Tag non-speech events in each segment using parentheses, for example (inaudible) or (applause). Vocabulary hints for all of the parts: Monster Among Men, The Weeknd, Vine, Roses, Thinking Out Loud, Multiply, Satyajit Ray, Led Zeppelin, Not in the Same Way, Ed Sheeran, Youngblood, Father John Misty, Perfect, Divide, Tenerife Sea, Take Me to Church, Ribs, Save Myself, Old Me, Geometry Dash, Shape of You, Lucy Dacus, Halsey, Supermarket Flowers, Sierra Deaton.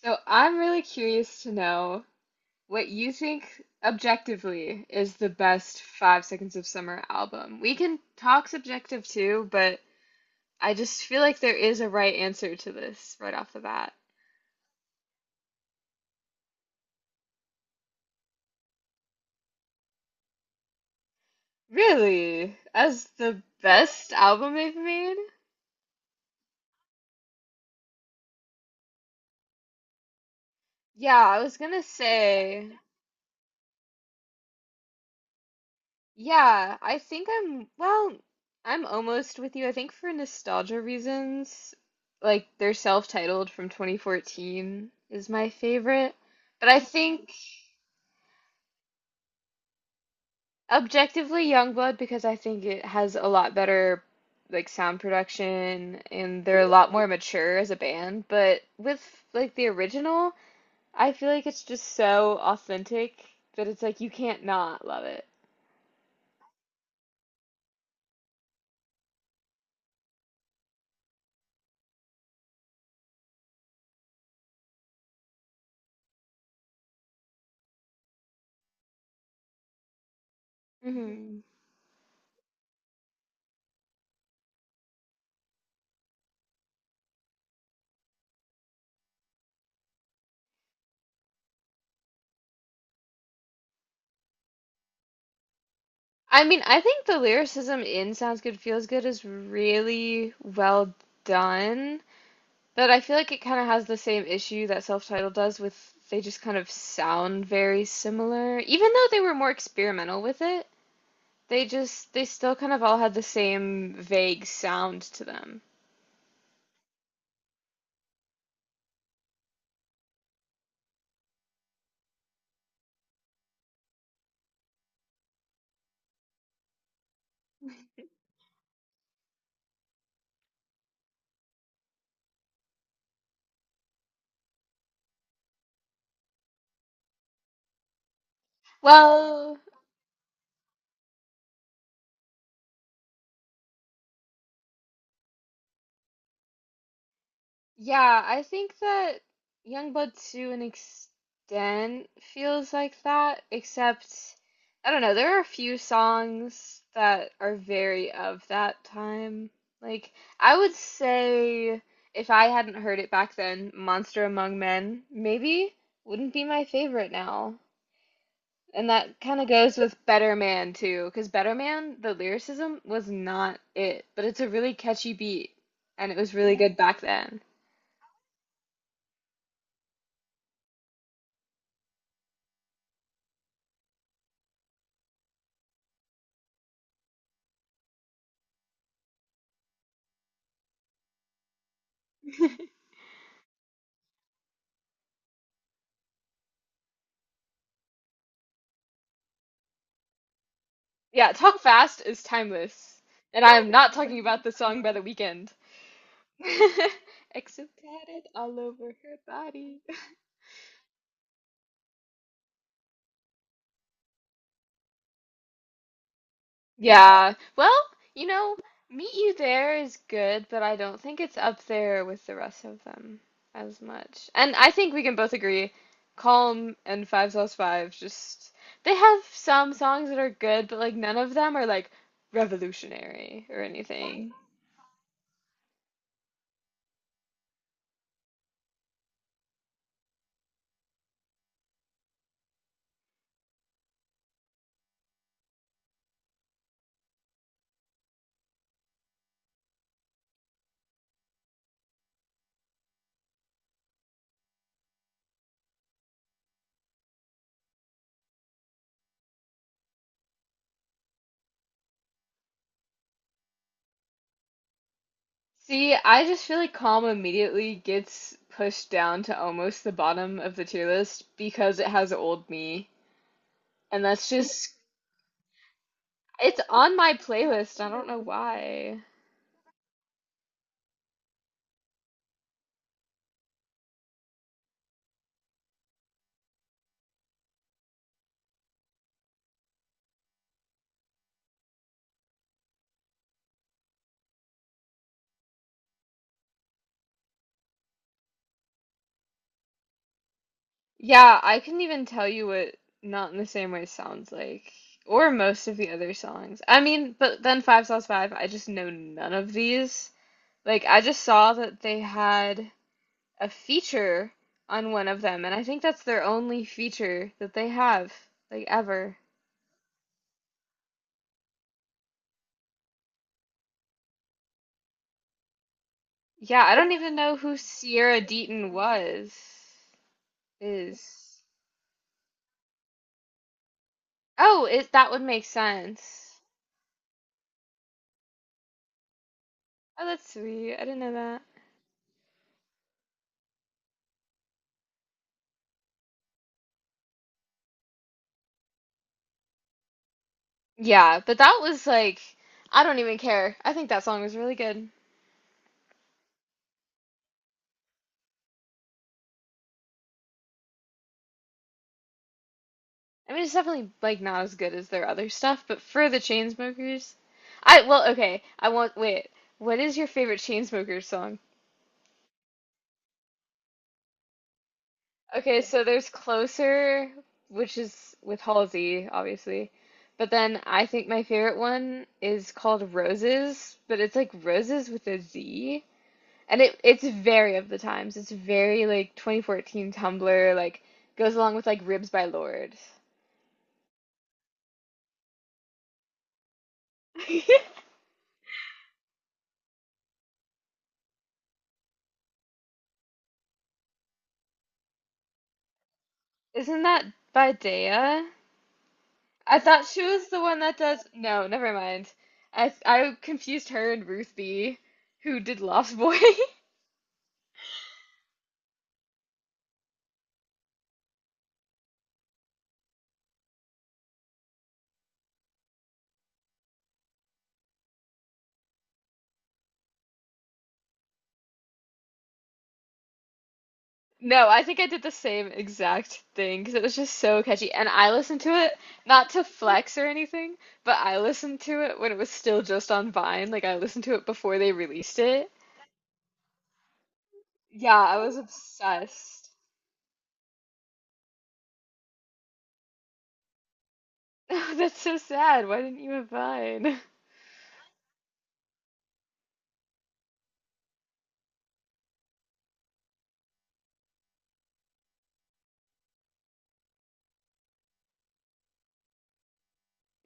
So I'm really curious to know what you think objectively is the best Five Seconds of Summer album. We can talk subjective too, but I just feel like there is a right answer to this right off the bat. Really? As the best album they've made? Yeah, I was gonna say. Yeah, I think well, I'm almost with you. I think for nostalgia reasons, like their self-titled from 2014 is my favorite. But I think objectively Youngblood because I think it has a lot better like sound production and they're a lot more mature as a band. But with like the original, I feel like it's just so authentic that it's like you can't not love it. I mean, I think the lyricism in Sounds Good Feels Good is really well done, but I feel like it kind of has the same issue that self-titled does with they just kind of sound very similar. Even though they were more experimental with it, they still kind of all had the same vague sound to them. Well, yeah, I think that Youngblood to an extent feels like that, except I don't know, there are a few songs that are very of that time. Like I would say if I hadn't heard it back then, Monster Among Men maybe wouldn't be my favorite now. And that kind of goes with Better Man too, because Better Man, the lyricism was not it, but it's a really catchy beat, and it was really good back then. (laughs) Yeah, Talk Fast is timeless. And I am not talking about the song by The Weeknd. (laughs) Except tatted all over her body. Yeah, well, you know, Meet You There is good, but I don't think it's up there with the rest of them as much. And I think we can both agree, Calm and Five Sauce Five just they have some songs that are good, but like none of them are like revolutionary or anything. See, I just feel like Calm immediately gets pushed down to almost the bottom of the tier list because it has Old Me. And that's just, it's on my playlist. I don't know why. Yeah, I couldn't even tell you what Not in the Same Way sounds like, or most of the other songs. I mean, but then Five Sauce Five, I just know none of these. Like, I just saw that they had a feature on one of them, and I think that's their only feature that they have, like, ever. Yeah, I don't even know who Sierra Deaton was. Is. Oh, it that would make sense. Oh, that's sweet. I didn't know that. Yeah, but that was like I don't even care. I think that song was really good. I mean, it's definitely like not as good as their other stuff, but for the Chainsmokers, I well, okay, I want wait. What is your favorite Chainsmokers song? Okay, so there's Closer, which is with Halsey, obviously. But then I think my favorite one is called Roses, but it's like Roses with a Z. And it's very of the times. It's very like 2014 Tumblr, like goes along with like Ribs by Lord. (laughs) Isn't that by Daya? I thought she was the one that does. No, never mind. I confused her and Ruth B, who did Lost Boy. (laughs) No, I think I did the same exact thing because it was just so catchy. And I listened to it, not to flex or anything, but I listened to it when it was still just on Vine. Like, I listened to it before they released it. Yeah, I was obsessed. (laughs) Oh, that's so sad. Why didn't you have Vine?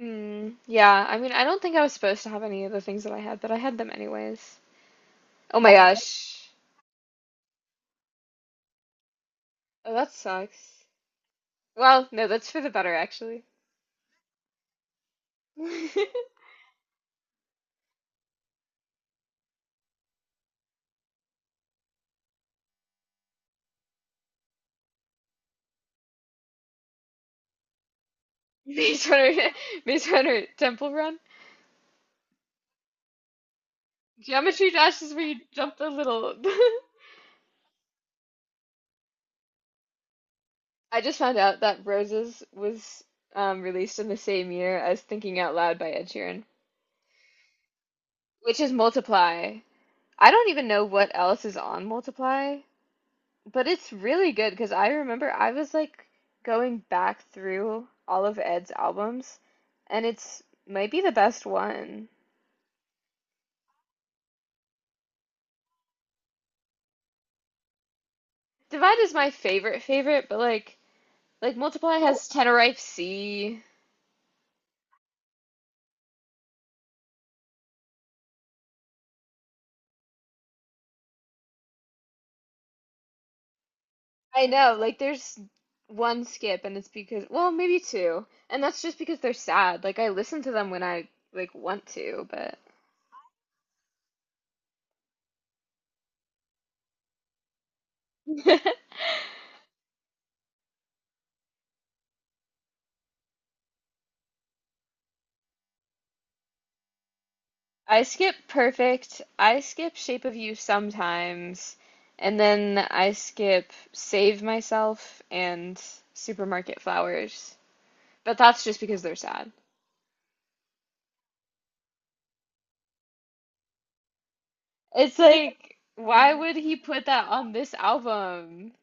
Mm, yeah, I mean, I don't think I was supposed to have any of the things that I had, but I had them anyways. Oh my gosh. Oh, that sucks. Well, no, that's for the better, actually. (laughs) Maze Runner, (laughs) Maze Runner Temple Run. Geometry Dash is where you jump the little. (laughs) I just found out that Roses was released in the same year as Thinking Out Loud by Ed Sheeran, which is Multiply. I don't even know what else is on Multiply, but it's really good because I remember I was like going back through all of Ed's albums, and it's might be the best one. Divide is my favorite favorite, but like Multiply has Tenerife Sea. I know, like there's one skip and it's because, well, maybe two. And that's just because they're sad. Like I listen to them when I like want to, but (laughs) I skip Perfect. I skip Shape of You sometimes. And then I skip Save Myself and Supermarket Flowers. But that's just because they're sad. It's like, why, yeah, would he put that on this album?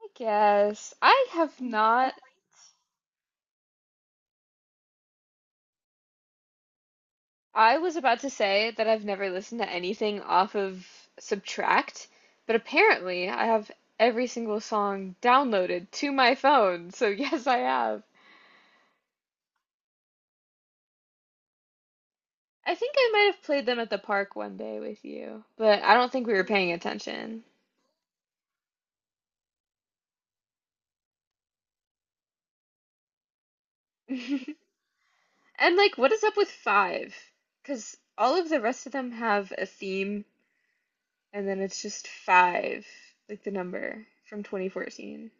I guess. I have not I was about to say that I've never listened to anything off of Subtract, but apparently I have every single song downloaded to my phone, so (laughs) yes, I have. I think I might have played them at the park one day with you, but I don't think we were paying attention. (laughs) And like, what is up with five? Because all of the rest of them have a theme, and then it's just five, like the number from 2014.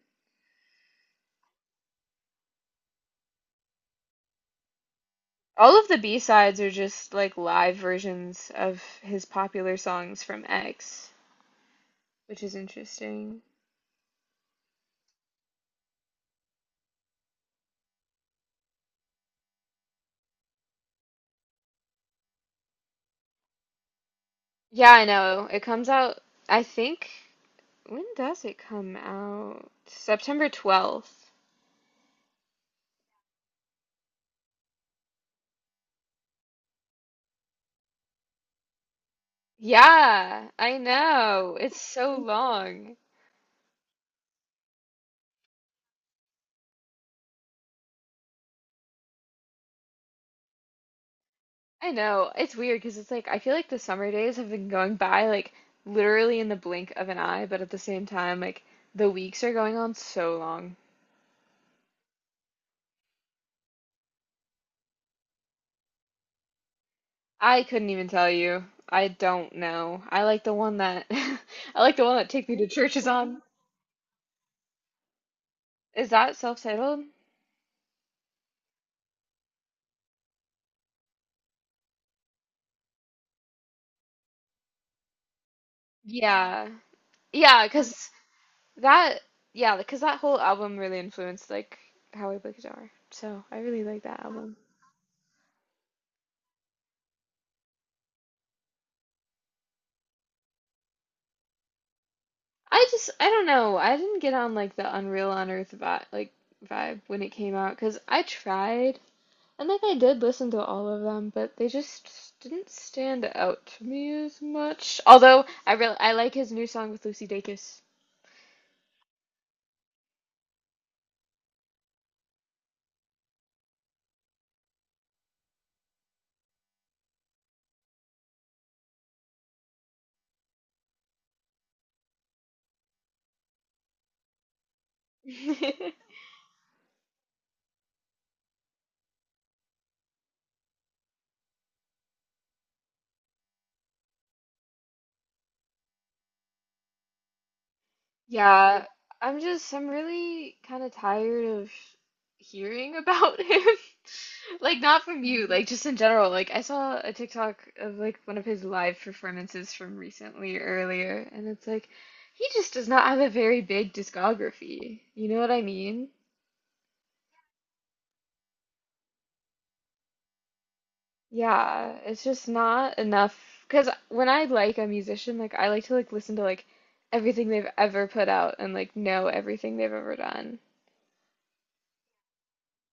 All of the B-sides are just like live versions of his popular songs from X, which is interesting. Yeah, I know. It comes out, I think, when does it come out? September 12th. Yeah, I know. It's so long. I know. It's weird because it's like I feel like the summer days have been going by like literally in the blink of an eye, but at the same time, like the weeks are going on so long. I couldn't even tell you. I don't know. I like the one that (laughs) I like the one that Take Me to Church is on. Is that self-titled? Yeah. Yeah, that yeah, because that whole album really influenced like how I play guitar. So, I really like that album. I don't know. I didn't get on like the Unreal on Earth vibe when it came out 'cause I tried and like I did listen to all of them, but they just didn't stand out to me as much. Although I like his new song with Lucy Dacus. (laughs) Yeah, I'm really kind of tired of hearing about him. (laughs) Like not from you, like just in general. Like I saw a TikTok of like one of his live performances from recently earlier, and it's like he just does not have a very big discography. You know what I mean? Yeah, it's just not enough. Because when I like a musician, like I like to like listen to like everything they've ever put out and like know everything they've ever done.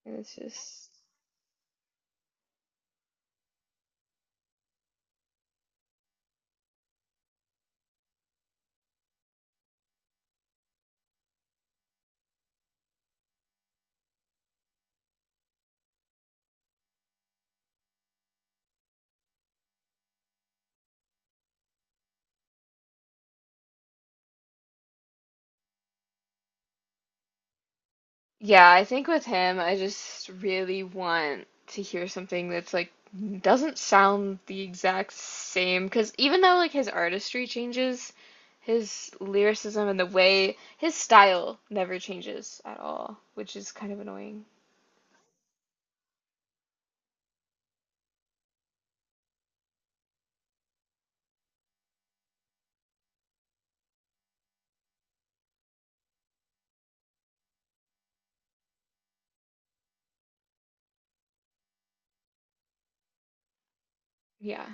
And it's just, yeah, I think with him, I just really want to hear something that's like doesn't sound the exact same. Because even though like his artistry changes, his lyricism and the way his style never changes at all, which is kind of annoying. Yeah.